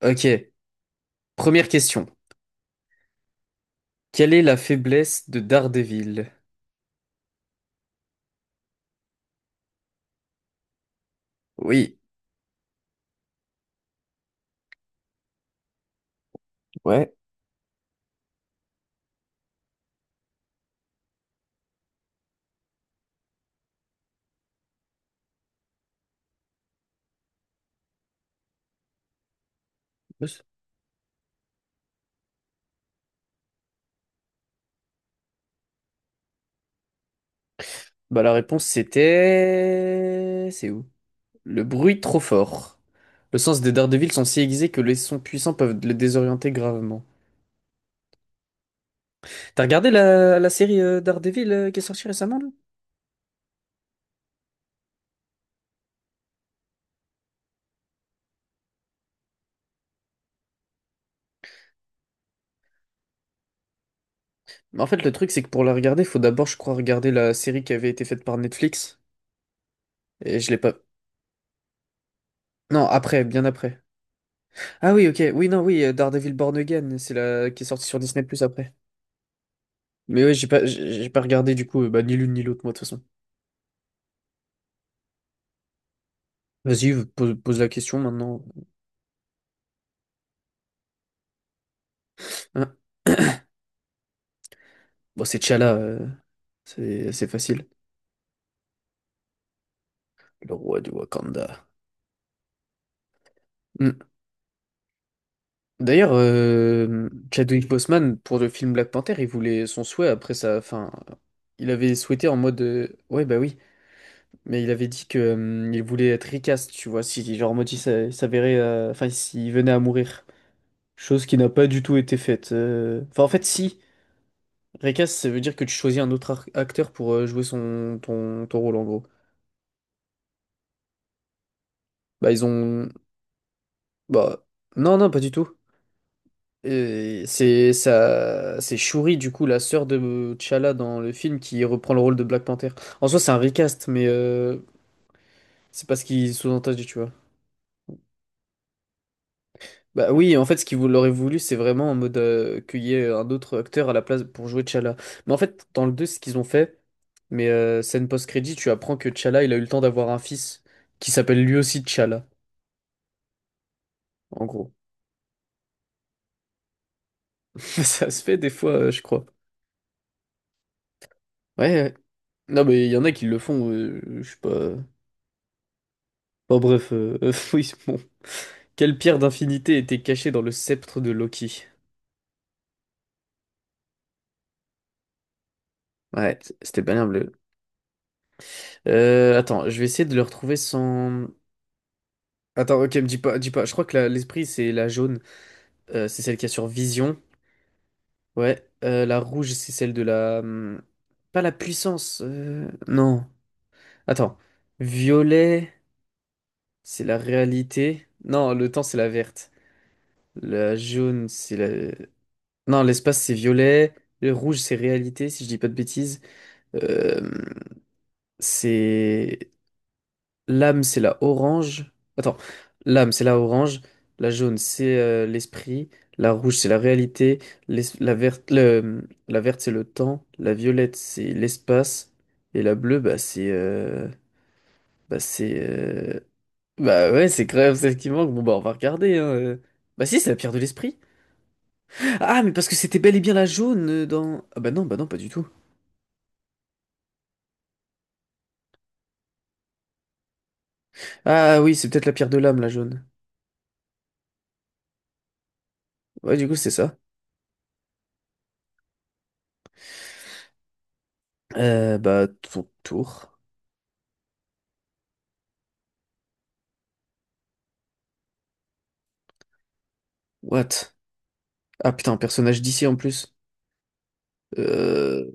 Ok, première question. Quelle est la faiblesse de Daredevil? Oui. Ouais. Bah, la réponse c'était. C'est où? Le bruit trop fort. Le sens des Daredevil sont si aiguisés que les sons puissants peuvent le désorienter gravement. T'as regardé la série Daredevil qui est sortie récemment là? Mais en fait le truc c'est que pour la regarder, faut d'abord je crois regarder la série qui avait été faite par Netflix. Et je l'ai pas. Non, après, bien après. Ah oui, ok, oui, non, oui, Daredevil Born Again, c'est la qui est sortie sur Disney Plus après. Mais ouais, j'ai pas, j'ai pas regardé du coup, bah, ni l'une ni l'autre, moi, de toute façon. Vas-y, pose la question maintenant. Hein. Bon, c'est T'Challa, c'est facile. Le roi du Wakanda. Hmm. D'ailleurs, Chadwick Boseman, pour le film Black Panther, il voulait son souhait après sa fin. Il avait souhaité en mode. Ouais, bah oui. Mais il avait dit que, il voulait être recast, tu vois, si, genre, en mode, il s'avérait. Enfin, s'il venait à mourir. Chose qui n'a pas du tout été faite. Enfin, en fait, si. Recast, ça veut dire que tu choisis un autre acteur pour jouer son ton rôle en gros. Bah ils ont, bah, non, non, pas du tout. C'est ça, c'est Shuri du coup, la sœur de T'Challa dans le film, qui reprend le rôle de Black Panther. En soi c'est un recast, mais c'est pas ce qu'ils sous-entendent, tu vois. Bah oui en fait ce qu'ils l'auraient voulu, c'est vraiment en mode, qu'il y ait un autre acteur à la place pour jouer T'Challa. Mais en fait dans le 2 ce qu'ils ont fait, mais scène post-crédit, tu apprends que T'Challa, il a eu le temps d'avoir un fils qui s'appelle lui aussi T'Challa. En gros. Ça se fait des fois, je crois. Ouais, ouais. Non, mais il y en a qui le font, je sais pas. Bon, bref, oui, bon. Quelle pierre d'infinité était cachée dans le sceptre de Loki? Ouais, c'était bien bleu. Attends, je vais essayer de le retrouver sans. Attends, ok, me dis pas, dis pas. Je crois que l'esprit, c'est la jaune. C'est celle qui a sur Vision. Ouais, la rouge, c'est celle de la. Pas la puissance. Non. Attends. Violet, c'est la réalité. Non, le temps, c'est la verte. La jaune, c'est la. Non, l'espace, c'est violet. Le rouge, c'est réalité, si je dis pas de bêtises. Euh, c'est. L'âme, c'est la orange. Attends, l'âme, c'est la orange. La jaune, c'est l'esprit. La rouge, c'est la réalité. La verte, la verte, c'est le temps. La violette, c'est l'espace. Et la bleue, bah, c'est. Bah, c'est. Bah ouais, c'est quand même celle qui manque. Bon, bah, on va regarder, hein. Bah si, c'est la pierre de l'esprit. Ah, mais parce que c'était bel et bien la jaune, dans. Ah bah non, pas du tout. Ah oui, c'est peut-être la pierre de l'âme, la jaune. Ouais, du coup, c'est ça. Bah, ton tour. What? Ah putain, un personnage d'ici en plus. Euh...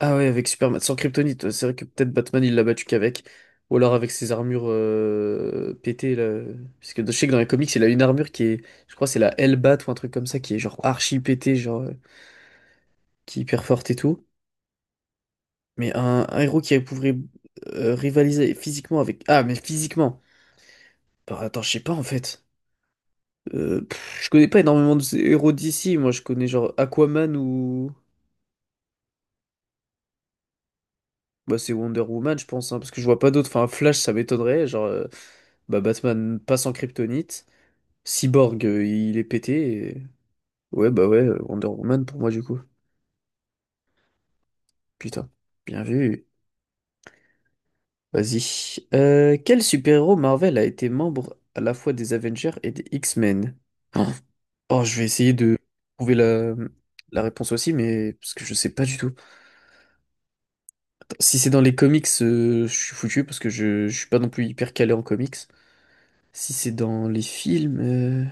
Ah ouais, avec Superman, sans Kryptonite, ouais, c'est vrai que peut-être Batman, il l'a battu qu'avec. Ou alors avec ses armures, pétées, là. Parce que je sais que dans les comics, il a une armure qui est. Je crois que c'est la Hellbat ou un truc comme ça, qui est genre archi pétée, genre. Qui est hyper forte et tout. Mais un héros qui pourrait rivaliser physiquement avec. Ah, mais physiquement. Bah, attends, je sais pas en fait. Pff, je connais pas énormément de ces héros d'ici. Moi, je connais genre Aquaman ou. Bah, c'est Wonder Woman, je pense, hein, parce que je vois pas d'autres. Enfin, Flash, ça m'étonnerait. Genre, bah, Batman passe en kryptonite. Cyborg, il est pété. Ouais, bah ouais, Wonder Woman pour moi, du coup. Putain. Bien vu. Vas-y. Quel super-héros Marvel a été membre à la fois des Avengers et des X-Men? Oh. Oh, je vais essayer de trouver la réponse aussi, mais parce que je sais pas du tout. Si c'est dans les comics, je suis foutu parce que je suis pas non plus hyper calé en comics. Si c'est dans les films,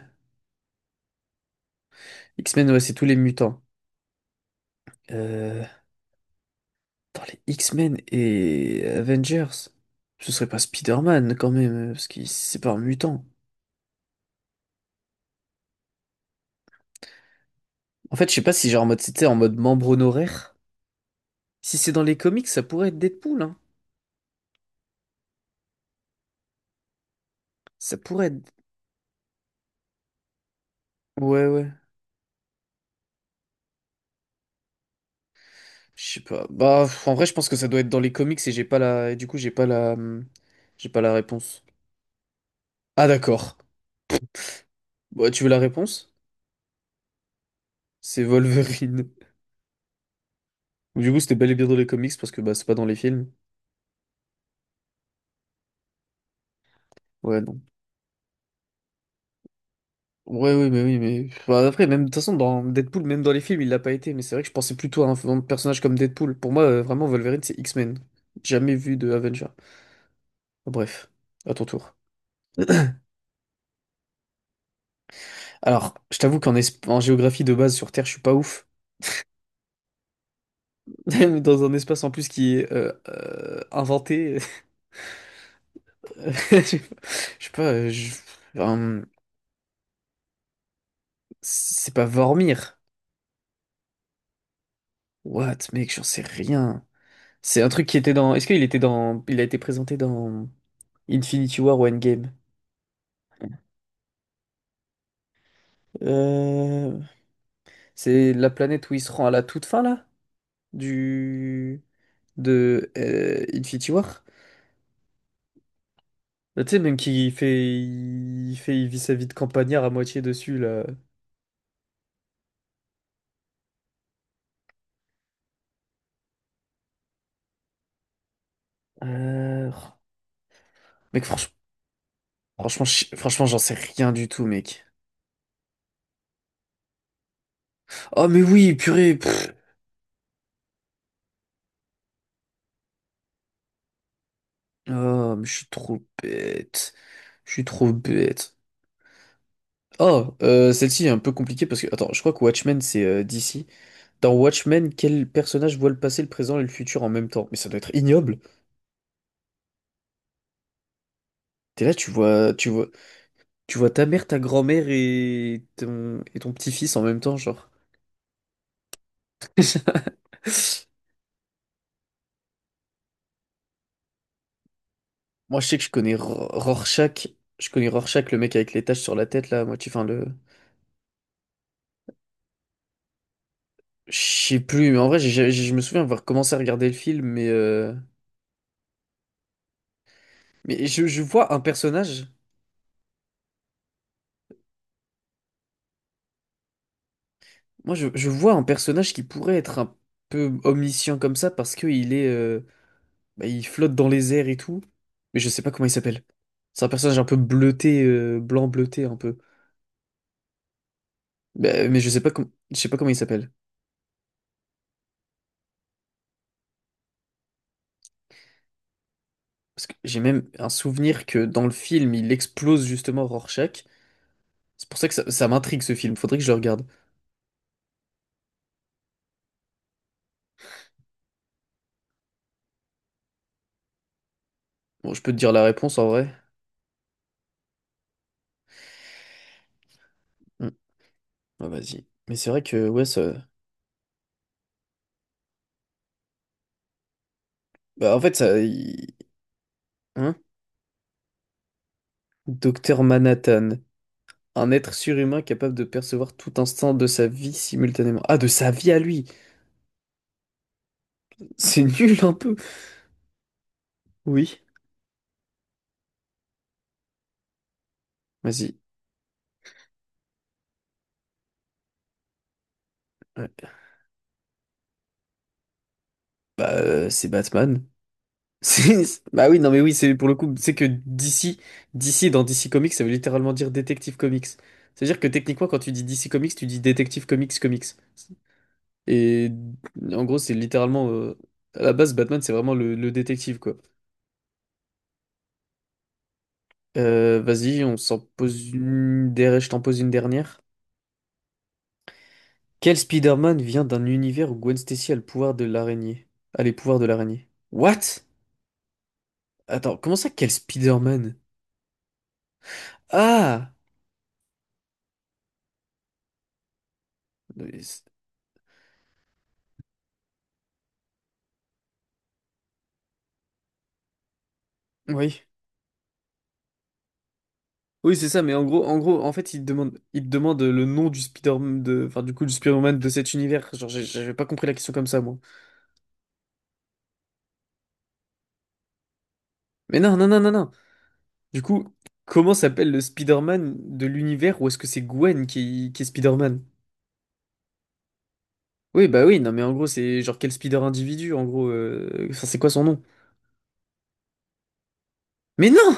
X-Men, ouais, c'est tous les mutants. Euh, Dans les X-Men et Avengers, ce serait pas Spider-Man quand même, parce que c'est pas un mutant. En fait, je sais pas si genre en mode c'était en mode membre honoraire. Si c'est dans les comics, ça pourrait être Deadpool, hein. Ça pourrait être. Ouais, ouais. Je sais pas. Bah, en vrai, je pense que ça doit être dans les comics et j'ai pas la. Du coup, j'ai pas la. J'ai pas la réponse. Ah, d'accord. Bah, tu veux la réponse? C'est Wolverine. Du coup, c'était bel et bien dans les comics parce que bah, c'est pas dans les films. Ouais, non. Ouais, oui, mais oui, mais. Bah, après, même de toute façon, dans Deadpool, même dans les films, il l'a pas été. Mais c'est vrai que je pensais plutôt à un personnage comme Deadpool. Pour moi, vraiment, Wolverine, c'est X-Men. Jamais vu de Avenger. Bref, à ton tour. Alors, je t'avoue qu'en géographie de base sur Terre, je suis pas ouf. Dans un espace en plus qui est inventé. Je sais pas, je sais pas, hum, c'est pas Vormir. What, mec, j'en sais rien. C'est un truc qui était dans. Est-ce qu'il était dans. Il a été présenté dans Infinity War ou Endgame? Euh, C'est la planète où il se rend à la toute fin là? Du. De Infinity War? Là, tu sais, même qui fait. Il fait. Il vit sa vie de campagnard à moitié dessus là. Euh... Mec, franchement. Franchement, franchement, j'en sais rien du tout, mec. Oh, mais oui, purée. Pff. Oh, mais je suis trop bête. Je suis trop bête. Oh, celle-ci est un peu compliquée parce que, attends, je crois que Watchmen, c'est DC. Dans Watchmen, quel personnage voit le passé, le présent et le futur en même temps? Mais ça doit être ignoble. T'es là, tu vois ta mère, ta grand-mère et ton petit-fils en même temps, genre. Moi, je sais que je connais Rorschach. Je connais Rorschach, le mec avec les taches sur la tête, là. Moi, tu enfin, le. Je sais plus, mais en vrai, je me souviens avoir commencé à regarder le film, mais je vois un personnage. Moi, je vois un personnage qui pourrait être un peu omniscient comme ça parce que il est, bah, il flotte dans les airs et tout. Mais je sais pas comment il s'appelle. C'est un personnage un peu bleuté, blanc bleuté un peu. Bah, mais je sais pas je sais pas comment il s'appelle. Parce que j'ai même un souvenir que dans le film, il explose justement Rorschach. C'est pour ça que ça m'intrigue ce film. Faudrait que je le regarde. Bon, je peux te dire la réponse en vrai. Ah, vas-y. Mais c'est vrai que, ouais, ça. Bah, en fait, ça. Hein? Docteur Manhattan. Un être surhumain capable de percevoir tout instant de sa vie simultanément. Ah, de sa vie à lui! C'est nul un peu! Oui. Vas-y. Ouais. Bah, c'est Batman. Bah oui, non, mais oui, c'est pour le coup, c'est que DC, DC dans DC Comics, ça veut littéralement dire Détective Comics. C'est-à-dire que techniquement, quand tu dis DC Comics, tu dis Détective Comics Comics. Et en gros, c'est littéralement. À la base, Batman, c'est vraiment le détective, quoi. Vas-y, on s'en pose une je t'en pose une dernière. Quel Spider-Man vient d'un univers où Gwen Stacy a le pouvoir de l'araignée? A les pouvoirs de l'araignée. What? Attends, comment ça, quel Spider-Man? Ah! Oui. Oui, c'est ça, mais en gros, en fait, il te demande le nom du spider de, enfin, du coup, du Spider-Man de cet univers. Genre, j'avais pas compris la question comme ça, moi. Mais non, non, non, non, non. Du coup, comment s'appelle le Spider-Man de l'univers ou est-ce que c'est Gwen qui est Spider-Man? Oui, bah oui, non, mais en gros, c'est genre quel speeder individu, en gros, enfin, c'est quoi son nom? Mais non!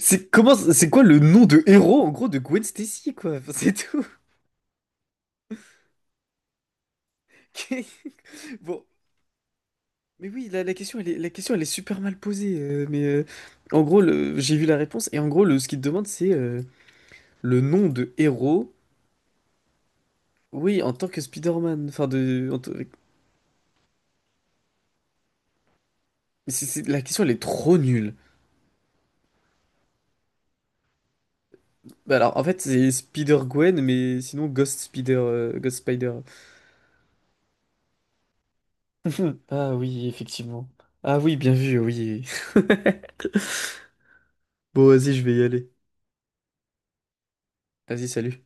C'est comment, c'est quoi le nom de héros, en gros, de Gwen Stacy, quoi? Enfin, c'est tout. Bon, mais oui, la question, elle est, la question, elle est super mal posée, mais en gros, j'ai vu la réponse, et en gros, ce qu'il te demande, c'est le nom de héros, oui, en tant que Spider-Man, enfin, de, la question, elle est trop nulle. Bah alors, en fait, c'est Spider-Gwen, mais sinon, Ghost Spider, Ghost Spider. Hmm. Ah oui, effectivement. Ah oui, bien vu, oui. Bon, vas-y, je vais y aller. Vas-y, salut.